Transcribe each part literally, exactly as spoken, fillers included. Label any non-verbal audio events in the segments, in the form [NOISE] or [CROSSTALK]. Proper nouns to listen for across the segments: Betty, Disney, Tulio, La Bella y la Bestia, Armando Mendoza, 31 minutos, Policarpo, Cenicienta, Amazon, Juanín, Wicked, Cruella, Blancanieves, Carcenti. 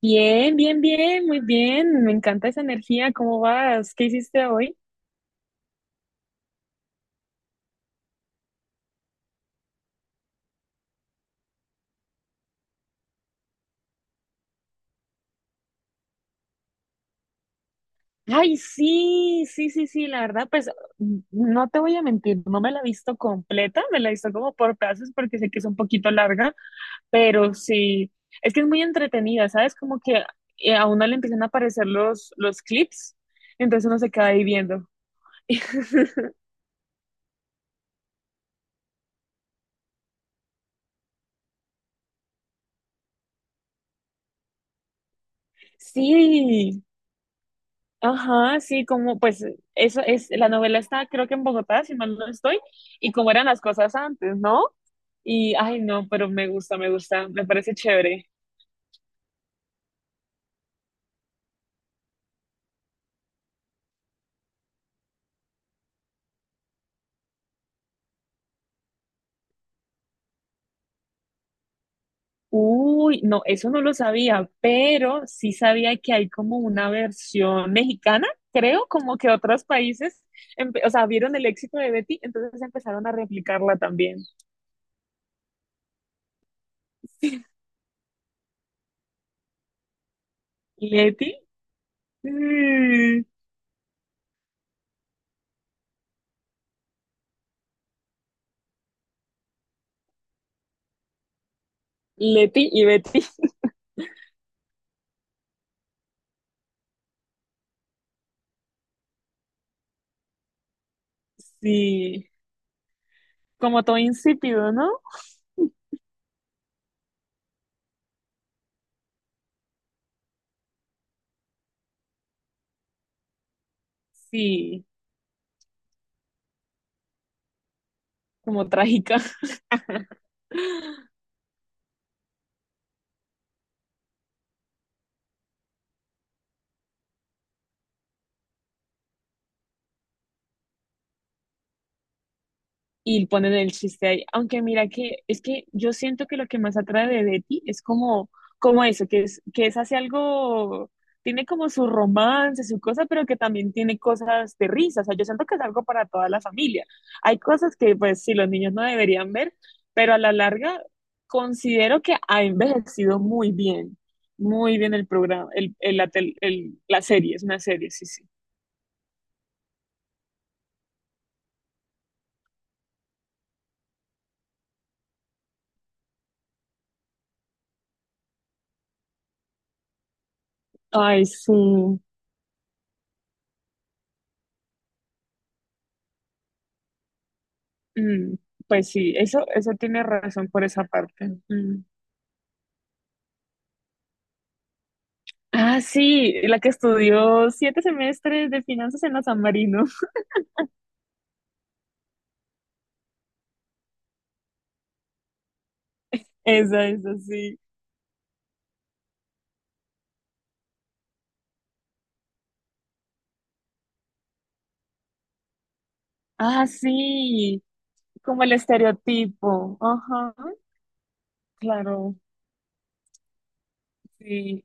Bien, bien, bien, muy bien. Me encanta esa energía. ¿Cómo vas? ¿Qué hiciste hoy? Ay, sí, sí, sí, sí. La verdad, pues n- no te voy a mentir, no me la he visto completa, me la he visto como por pedazos porque sé que es un poquito larga, pero sí, es que es muy entretenida, ¿sabes? Como que eh, a uno le empiezan a aparecer los, los clips, entonces uno se queda ahí viendo. [LAUGHS] Sí. Ajá, sí, como pues eso es, la novela está creo que en Bogotá, si mal no estoy, y cómo eran las cosas antes, ¿no? Y, ay, no, pero me gusta, me gusta, me parece chévere. Uy, no, eso no lo sabía, pero sí sabía que hay como una versión mexicana, creo, como que otros países, empe- o sea, vieron el éxito de Betty, entonces empezaron a replicarla también. Leti, mm, Leti y Betty, sí, como todo insípido, ¿no? Sí, como trágica. [LAUGHS] Y ponen el chiste ahí. Aunque mira que es que yo siento que lo que más atrae de Betty es como, como eso, que es, que es hace algo, tiene como su romance, su cosa, pero que también tiene cosas de risa. O sea, yo siento que es algo para toda la familia. Hay cosas que pues sí, los niños no deberían ver, pero a la larga considero que ha envejecido muy bien. Muy bien el programa, el, el, la tel- el- la serie, es una serie, sí, sí. Ay, sí. Mm, pues sí, eso, eso tiene razón por esa parte. Mm. Ah, sí, la que estudió siete semestres de finanzas en la San Marino. [LAUGHS] Esa, esa, sí. Ah, sí, como el estereotipo. Ajá, claro, sí.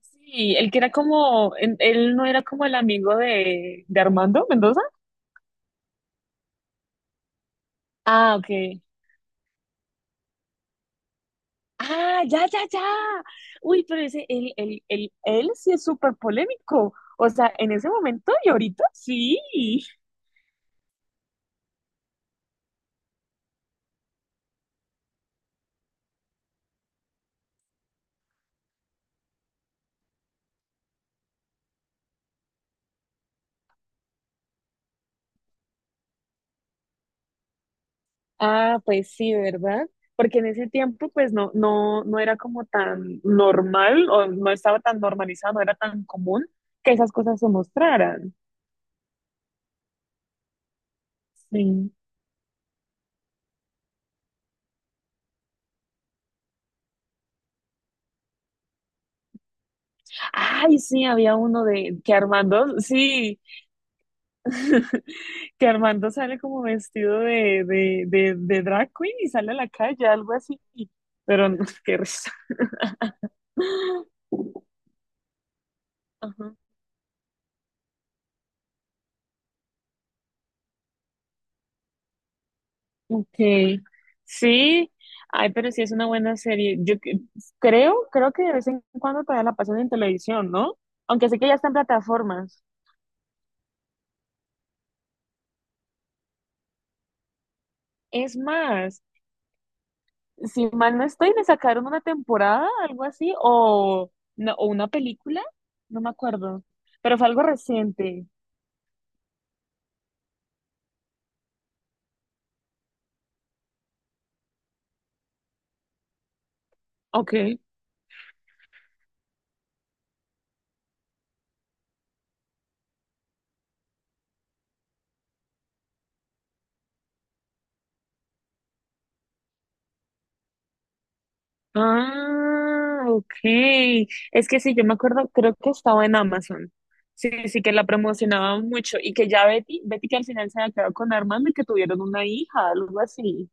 Sí, el que era como, en- él no era como el amigo de, de Armando Mendoza. Ah, ok. Ah, ya, ya, ya. Uy, pero ese, él, él, él, él sí es súper polémico. O sea, en ese momento y ahorita sí. Ah, pues sí, ¿verdad? Porque en ese tiempo, pues no, no, no era como tan normal o no estaba tan normalizado, no era tan común que esas cosas se mostraran. Sí. Ay, sí, había uno de que Armando, sí, que Armando sale como vestido de, de, de, de drag queen y sale a la calle, algo así. Pero no, [LAUGHS] qué risa. Okay, sí, ay, pero sí es una buena serie. Yo que- creo, creo que de vez en cuando todavía la pasan en televisión, ¿no? Aunque sé que ya está en plataformas. Es más, si mal no estoy, me sacaron una temporada, algo así, o, no, o una película, no me acuerdo, pero fue algo reciente. Ok. Ah, ok. Es que sí, yo me acuerdo, creo que estaba en Amazon. Sí, sí, que la promocionaban mucho y que ya Betty, Betty que al final se había quedado con Armando y que tuvieron una hija, algo así.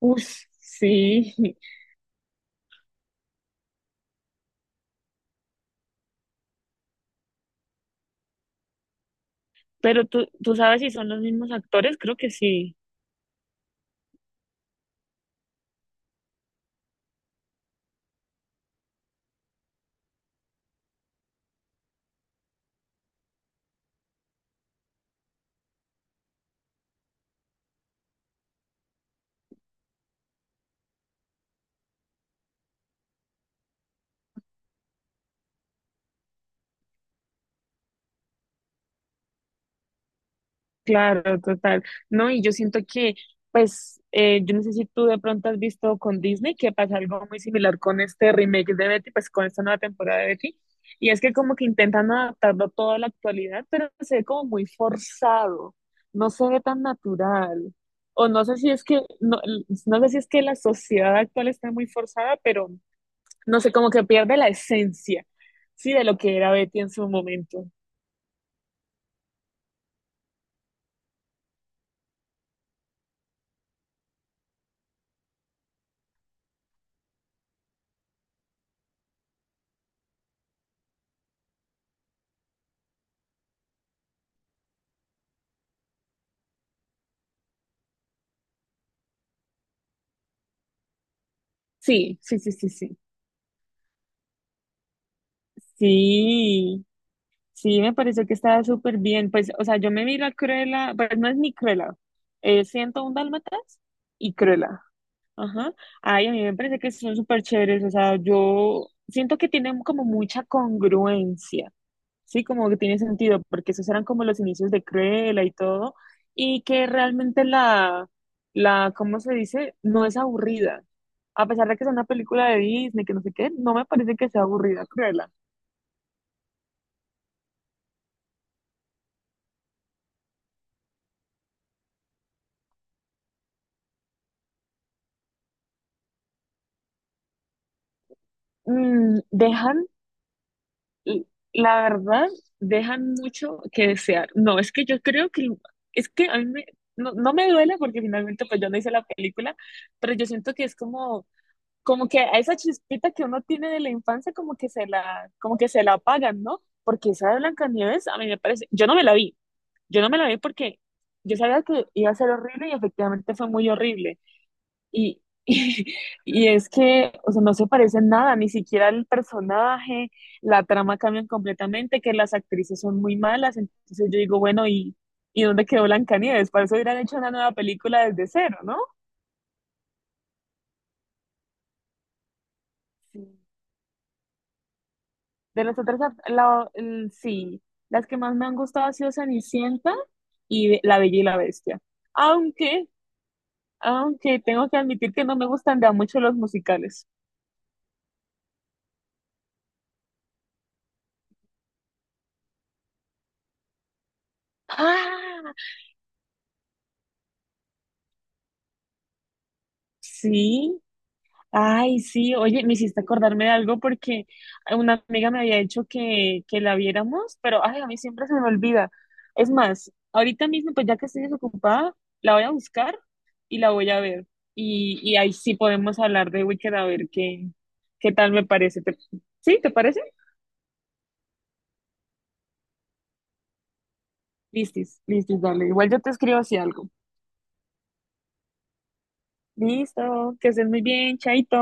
Uf, sí. [LAUGHS] Pero tú, tú sabes si son los mismos actores, creo que sí. Claro, total. No, y yo siento que, pues, eh, yo no sé si tú de pronto has visto con Disney que pasa algo muy similar con este remake de Betty, pues con esta nueva temporada de Betty, y es que como que intentan adaptarlo todo a la actualidad, pero se ve como muy forzado, no se ve tan natural. O no sé si es que, no, no sé si es que la sociedad actual está muy forzada, pero no sé, como que pierde la esencia, sí, de lo que era Betty en su momento. Sí, sí, sí, sí, sí. Sí. Sí, me pareció que estaba súper bien. Pues, o sea, yo me vi la Cruella, pues no es ni Cruella, es ciento un Dálmatas y Cruella. Ajá. Ay, a mí me parece que son súper chéveres. O sea, yo siento que tienen como mucha congruencia, ¿sí? Como que tiene sentido, porque esos eran como los inicios de Cruella y todo. Y que realmente la, la, ¿cómo se dice? No es aburrida. A pesar de que es una película de Disney, que no sé qué, no me parece que sea aburrida, Cruella. Mm, dejan l- la verdad, dejan mucho que desear. No, es que yo creo que, es que a mí me- no, no me duele porque finalmente pues yo no hice la película, pero yo siento que es como, como que a esa chispita que uno tiene de la infancia como que se la, como que se la apagan, ¿no? Porque esa de Blancanieves a mí me parece, yo no me la vi, yo no me la vi porque yo sabía que iba a ser horrible y efectivamente fue muy horrible, y, [LAUGHS] y, y es que, o sea, no se parecen nada, ni siquiera el personaje, la trama cambian completamente, que las actrices son muy malas, entonces yo digo, bueno, ¿y, y dónde quedó Blancanieves? Para eso hubieran hecho una nueva película desde cero, ¿no? Sí. De las otras, a- la- el- sí, las que más me han gustado ha sido Cenicienta y Be- La Bella y la Bestia. Aunque, aunque tengo que admitir que no me gustan ya mucho los musicales. Ah, sí. Ay, sí, oye, me hiciste acordarme de algo porque una amiga me había dicho que, que la viéramos, pero ay, a mí siempre se me olvida. Es más, ahorita mismo, pues ya que estoy desocupada, la voy a buscar y la voy a ver. Y, y ahí sí podemos hablar de Wicked a ver qué, qué tal me parece. ¿Te- ¿sí? ¿Te parece? Listis, listis, dale. Igual yo te escribo así algo. Listo, que estés muy bien, chaito.